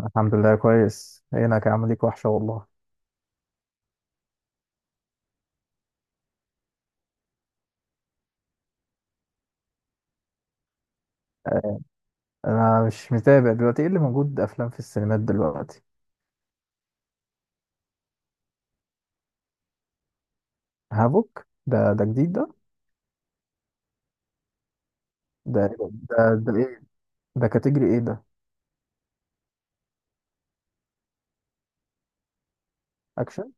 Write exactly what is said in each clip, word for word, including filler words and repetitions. الحمد لله كويس هناك عامل ليك وحشة والله. انا مش متابع دلوقتي، ايه اللي موجود افلام في السينمات دلوقتي؟ هافوك ده ده جديد ده؟ ده إيه؟ ده ده ايه؟ ده كاتيجري ايه ده؟ اكشن.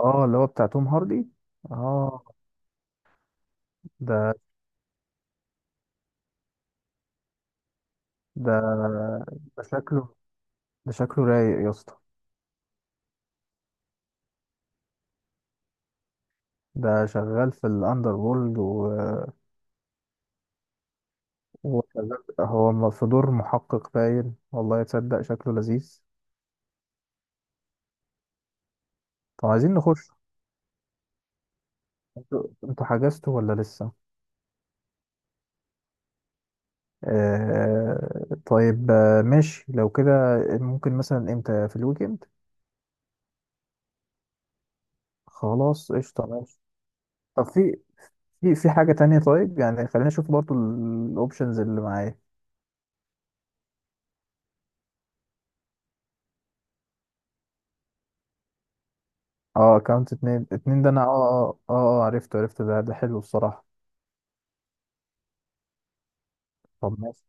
اه، اللي هو بتاع توم هاردي. اه ده ده ده شكله، ده شكله رايق يا اسطى. ده شغال في الاندر وورلد و... وشغال هو م- في دور محقق، باين والله تصدق شكله لذيذ. طب عايزين نخش. انتوا انتوا حجزتوا ولا لسه؟ آه طيب، آه، ماشي لو كده. ممكن مثلا امتى؟ في الويكند. خلاص قشطة ماشي. طب في في في حاجة تانية، طيب يعني خلينا نشوف برضو الاوبشنز اللي معايا. اه، اكونت اتنين اتنين ده، انا اه اه اه آه، عرفته عرفته، ده ده حلو الصراحة. طب ماشي.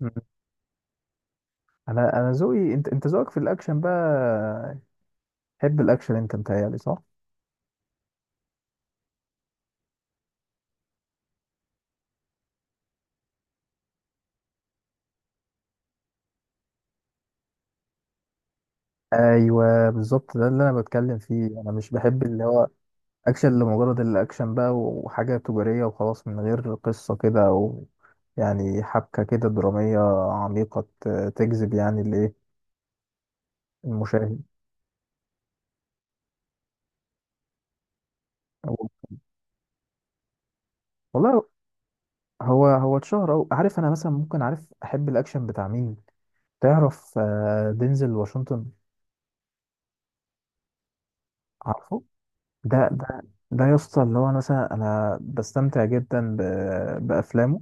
مم. انا انا ذوقي، انت انت ذوقك في الاكشن بقى، تحب الاكشن انت، متهيألي صح؟ ايوه بالظبط، ده اللي انا بتكلم فيه، انا مش بحب اللي هو اكشن لمجرد الاكشن بقى وحاجة تجارية وخلاص من غير قصة كده، او يعني حبكة كده درامية عميقة ت- تجذب يعني الايه، المشاهد. أو- والله. هو هو اتشهر، أو عارف، انا مثلا ممكن، عارف احب الاكشن بتاع مين؟ تعرف آه، دينزل واشنطن؟ عارفه؟ ده ده ده يا اسطى اللي هو، أنا مثلا انا بستمتع جدا ب- بافلامه،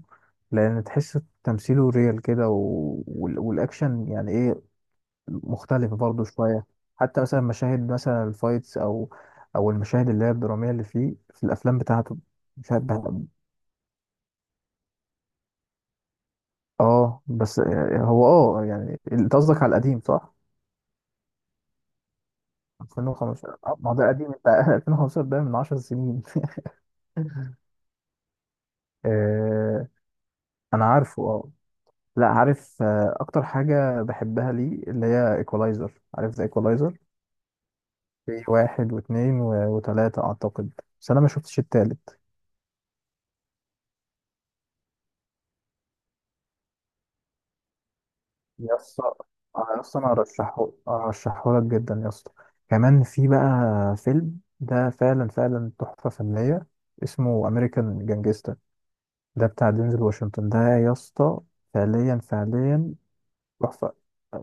لان تحس تمثيله ريال كده و... وال- والاكشن يعني ايه، مختلفة برضه شوية. حتى مثلا مشاهد مثلا الفايتس، أو أو المشاهد اللي هي الدرامية اللي فيه في الأفلام بتاعته. مش عارف بقى- اه بس، هو اه يعني انت قصدك على القديم صح؟ ألفين وخمسة عشر؟ آه، ما هو ده قديم انت ألفين وخمستاشر ده من 10 سنين. آه، انا عارفه اه. لا، عارف آه، اكتر حاجة بحبها ليه اللي هي ايكولايزر، عارف ذا ايكولايزر؟ في واحد واثنين وثلاثة اعتقد، بس انا ما شفتش التالت. يا اسطى، انا اصلا انا ارشحه ارشحه لك جدا يا اسطى. كمان في بقى فيلم ده، فعلا فعلا تحفه فنيه، اسمه امريكان جانجستا. ده بتاع دينزل واشنطن ده يا اسطى. فعليا فعليا تحفه.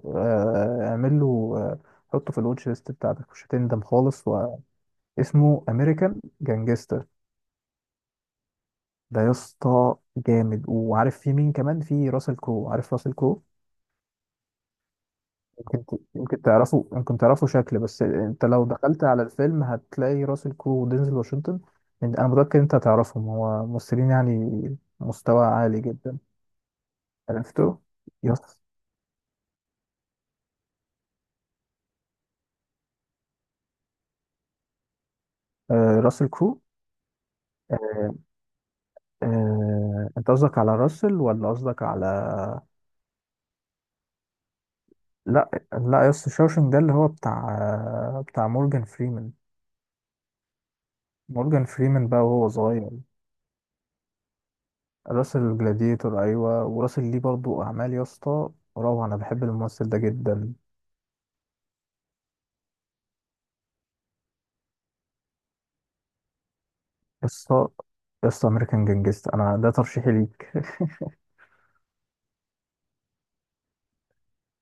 آه، اعمل له آه، حطه في الواتش ليست بتاعتك، مش هتندم خالص. واسمه امريكان جانجستا. ده يا اسطى جامد، وعارف في مين كمان؟ في راسل كرو، عارف راسل كرو؟ يمكن ت- يمكن تعرفوا يمكن تعرفوا شكل، بس انت لو دخلت على الفيلم هتلاقي راسل كرو ودينزل واشنطن. إن- انا متأكد انت هتعرفهم، هو ممثلين يعني مستوى عالي جدا. عرفته. يس. آه، راسل كرو. آه آه، انت قصدك على راسل ولا قصدك على... لا لا، يس، شاوشنج ده اللي هو بتاع آه، بتاع مورجان فريمان. مورجان فريمان بقى وهو صغير. راسل الجلاديتور ايوه، وراسل ليه برضو اعمال يا اسطى، روعة، انا بحب الممثل ده جدا. قصة قصة أمريكان جانجست، أنا ده ترشيحي ليك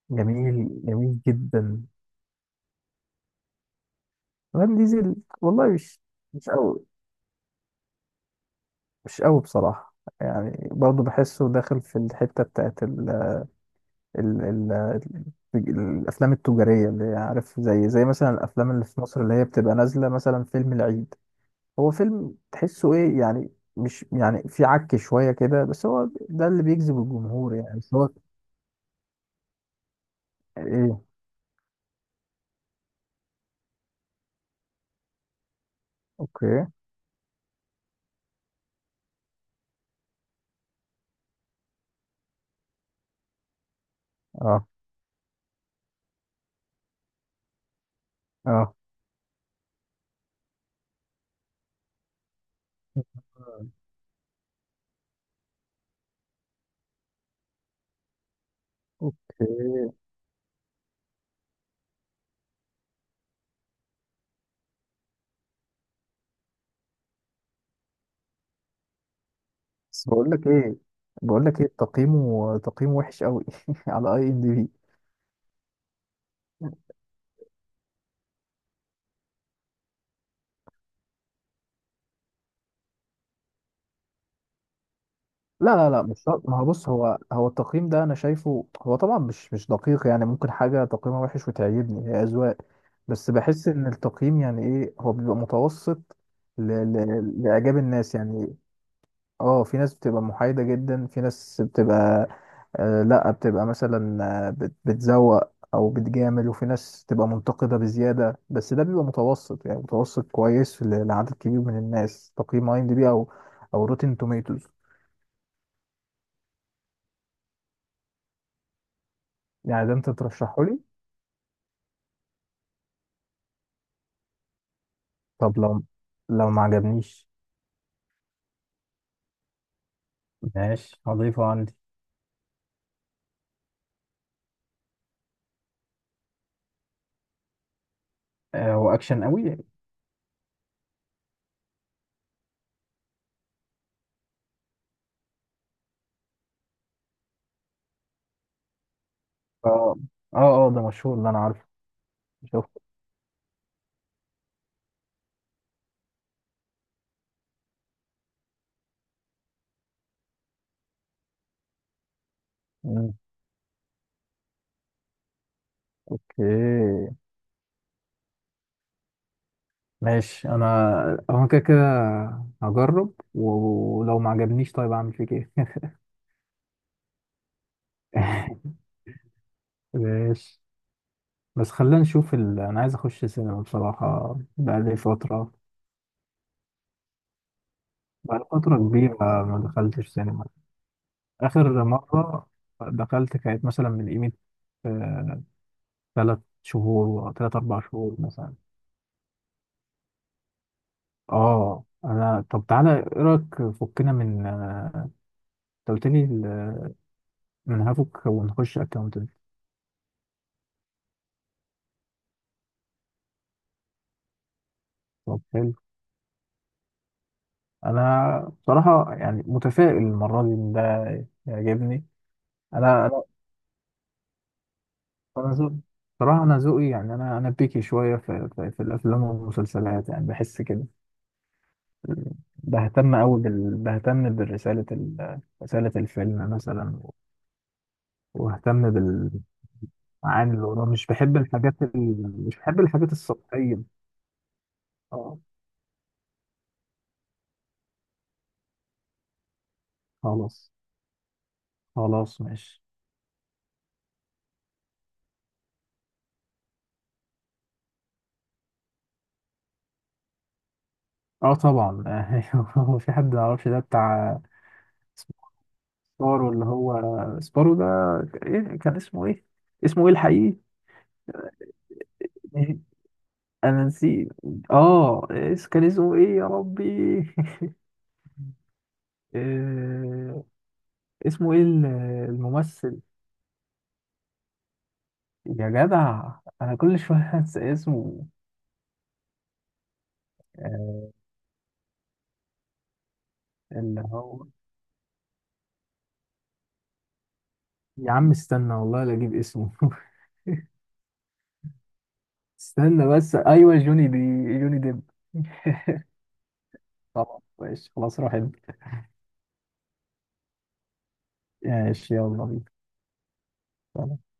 جميل جميل جدا. فان ديزل، والله مش مش قوي، مش قوي بصراحة. يعني برضه بحسه داخل في الحتة بتاعت ال ال ال ال الأفلام التجارية اللي هي، عارف زي زي مثلا الأفلام اللي في مصر اللي هي بتبقى نازلة مثلا فيلم العيد. هو فيلم تحسه إيه يعني، مش يعني في عك شوية كده، بس هو ده اللي بيجذب الجمهور يعني، بس هو إيه. أوكي. أه أه اوكي. بس بقول لك ايه بقول لك ايه، تقييمه تقييمه وحش قوي. على اي ام دي بي. لا لا لا، مش شرط، ما هو بص، هو هو التقييم ده انا شايفه، هو طبعا مش مش دقيق، يعني ممكن حاجه تقييمها وحش وتعجبني، هي اذواق. بس بحس ان التقييم يعني ايه، هو بيبقى متوسط ل... ل... لاعجاب الناس يعني. اه، في ناس بتبقى محايدة جدا، في ناس بتبقى آه لا، بتبقى مثلا آه، بت- بتزوق او بتجامل، وفي ناس تبقى منتقدة بزيادة، بس ده بيبقى متوسط يعني، متوسط كويس ل- لعدد كبير من الناس، تقييم اي ام دي بي او او روتين توميتوز. يعني ده انت ترشحه لي؟ طب لو لو ما عجبنيش؟ ماشي، هضيفه عندي. آه، هو اكشن قوي؟ اه اه اه، ده مشهور ده انا عارفه، شفته. مم. اوكي. ماشي، انا هو كده كده، هجرب و- ولو ما عجبنيش طيب اعمل فيك ايه؟ ماشي، بس خلينا نشوف ال... انا عايز اخش سينما بصراحة، بقالي فترة، بقالي فترة كبيرة ما دخلتش سينما. اخر مرة دخلت كانت مثلا من قيمة ثلاث شهور، ثلاث اربع شهور مثلا. اه، انا طب تعالى ايه رايك فكنا من آه، انت قلت لي ال- من هافوك ونخش اكونت. طب حلو. انا بصراحه يعني متفائل المره دي إن ده يعجبني. انا انا انا ذوقي، بصراحه انا ذوقي يعني، انا انا بيكي شويه في, في, في الافلام والمسلسلات يعني بحس كده، بهتم قوي بال... بهتم بالرساله، ال... رساله الفيلم مثلا، واهتم بالمعاني اللي وراه، مش بحب الحاجات ال... مش بحب الحاجات السطحيه. اه خلاص، خلاص ماشي. اه طبعا. هو في حد ما يعرفش ده بتاع سبارو، اللي هو سبارو ده، إيه كان اسمه ايه، اسمه ايه الحقيقي؟ انا نسيت. اه، اس- كان اسمه ايه يا ربي؟ آه، اسمه ايه ال- الممثل؟ يا جدع، انا كل شويه انسى اسمه، آه، اللي هو، يا عم استنى والله لا اجيب اسمه استنى بس، ايوه، جوني دي جوني ديب. طبعا ماشي، خلاص روح انت. ماشي يلا، بينا.